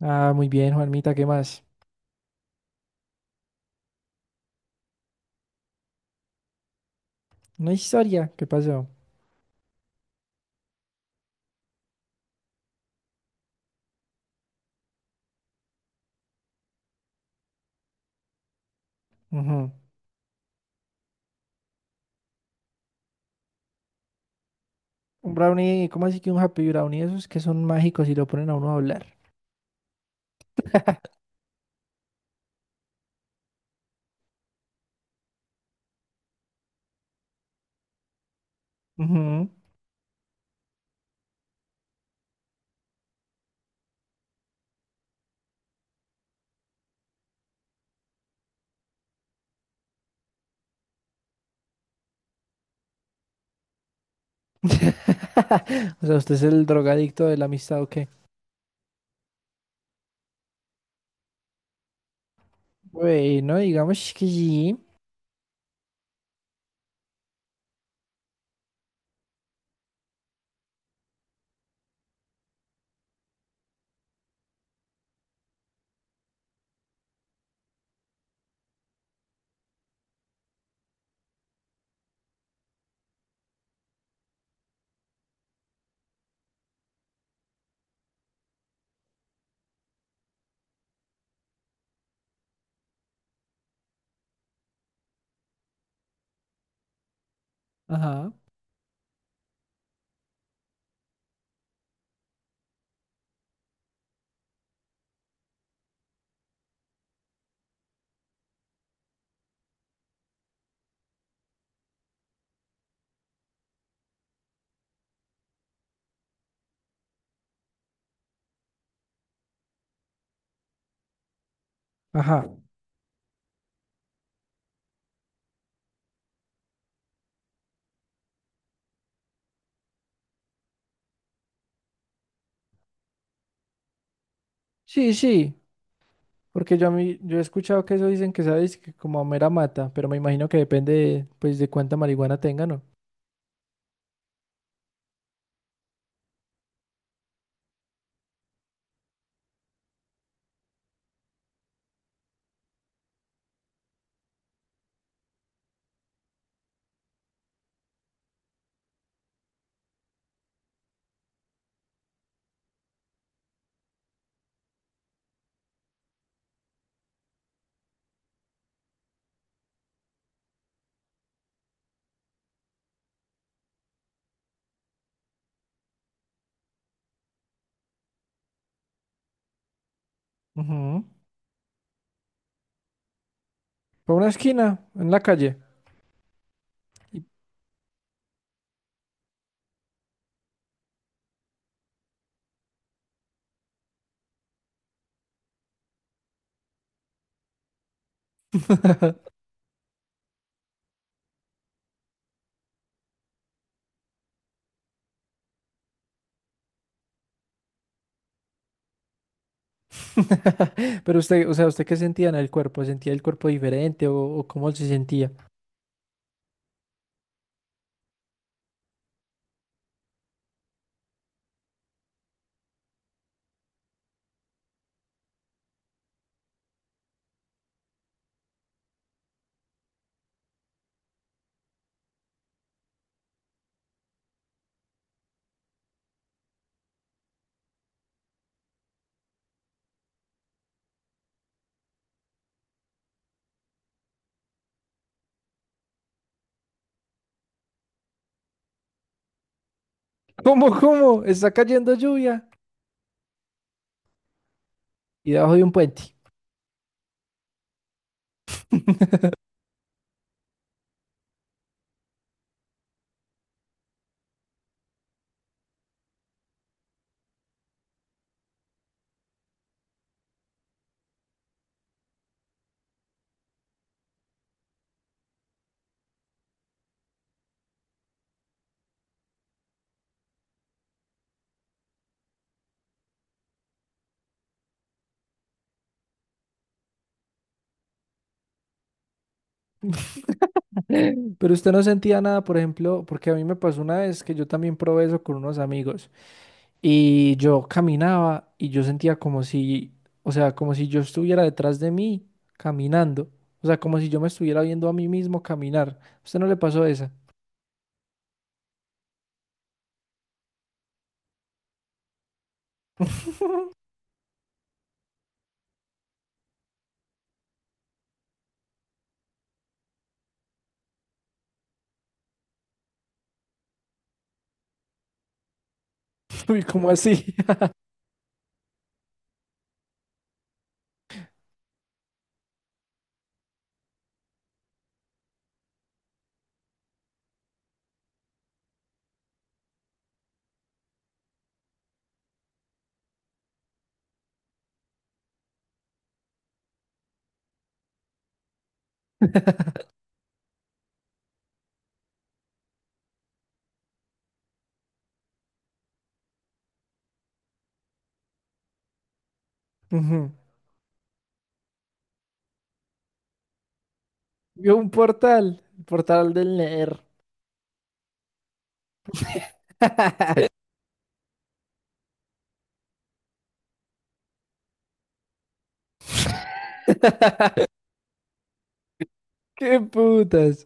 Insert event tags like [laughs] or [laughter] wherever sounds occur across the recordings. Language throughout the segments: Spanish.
Ah, muy bien, Juanmita, ¿qué más? Una historia, ¿qué pasó? Ujú. Un brownie, ¿cómo así que un happy brownie? Esos que son mágicos y lo ponen a uno a hablar. Ujú. [laughs] O sea, ¿usted es el drogadicto de la amistad o qué? Bueno, digamos que sí. Ajá. Ajá. Sí, sí. Porque yo, yo he escuchado que eso dicen que sabes que como a mera mata, pero me imagino que depende de, pues de cuánta marihuana tengan, ¿no? Ujú. Por una esquina, en la calle. Y- [laughs] [laughs] Pero usted, o sea, ¿usted qué sentía en el cuerpo? ¿Sentía el cuerpo diferente o cómo se sentía? ¿Cómo, cómo? Está cayendo lluvia y debajo de un puente. [laughs] Pero usted no sentía nada, por ejemplo, porque a mí me pasó una vez que yo también probé eso con unos amigos y yo caminaba y yo sentía como si, o sea, como si yo estuviera detrás de mí caminando. O sea, como si yo me estuviera viendo a mí mismo caminar. ¿A ¿Usted no le pasó esa? [laughs] Uy, ¿cómo así? [laughs] Ujú. Vio un portal, el portal del Ner. [laughs] ¡Qué putas!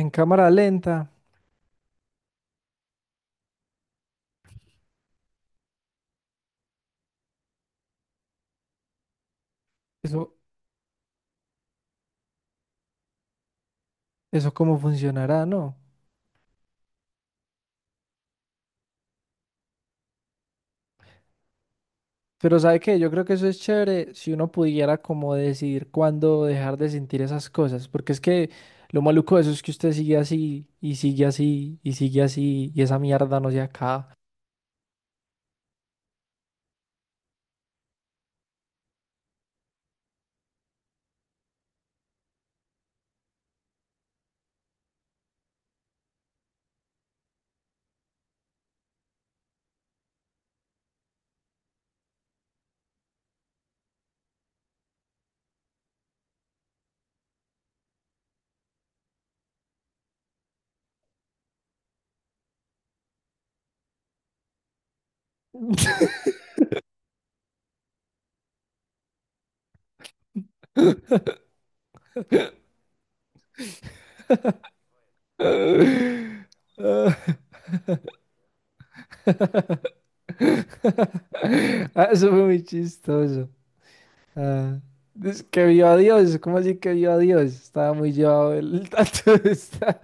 En cámara lenta. Eso, eso cómo funcionará, ¿no? Pero ¿sabe qué? Yo creo que eso es chévere si uno pudiera como decidir cuándo dejar de sentir esas cosas. Porque es que lo maluco de eso es que usted sigue así, y sigue así, y sigue así, y esa mierda no se acaba. [laughs] Ah, [laughs] ah, eso fue muy chistoso. Ah, es que vio a Dios, ¿cómo así que vio a Dios? Estaba muy llevado el tanto. [laughs]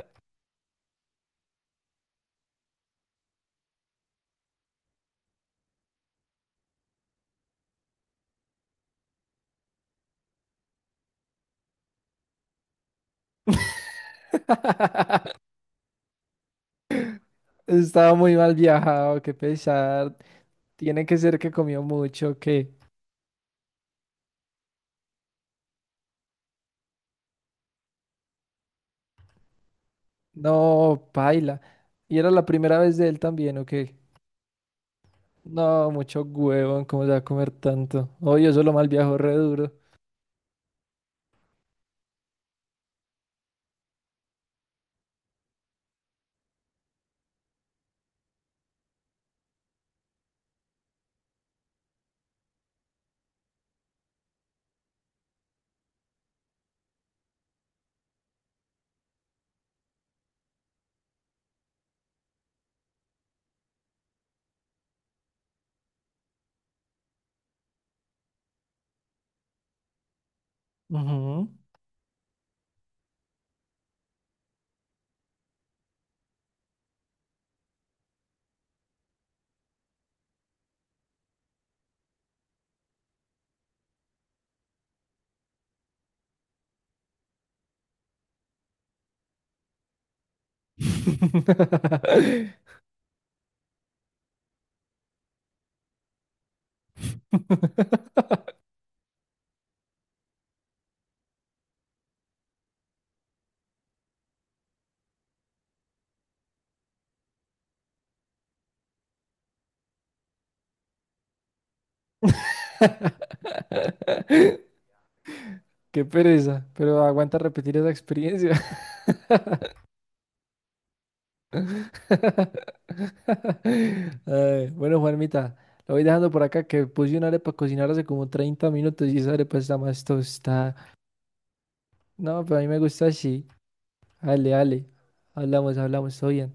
Estaba muy mal viajado, qué pesar. Tiene que ser que comió mucho, que no, paila. Y era la primera vez de él también, ¿o qué? No, mucho huevón, ¿cómo se va a comer tanto? Oh, yo solo mal viajo re duro. Ujú. [laughs] [laughs] Qué pereza, pero aguanta repetir esa experiencia. [laughs] Ay, bueno, Juanmita, lo voy dejando por acá que puse una arepa a cocinar hace como 30 minutos y esa arepa está más tostada. No, pero a mí me gusta así. Dale, dale. Hablamos, hablamos, todo bien.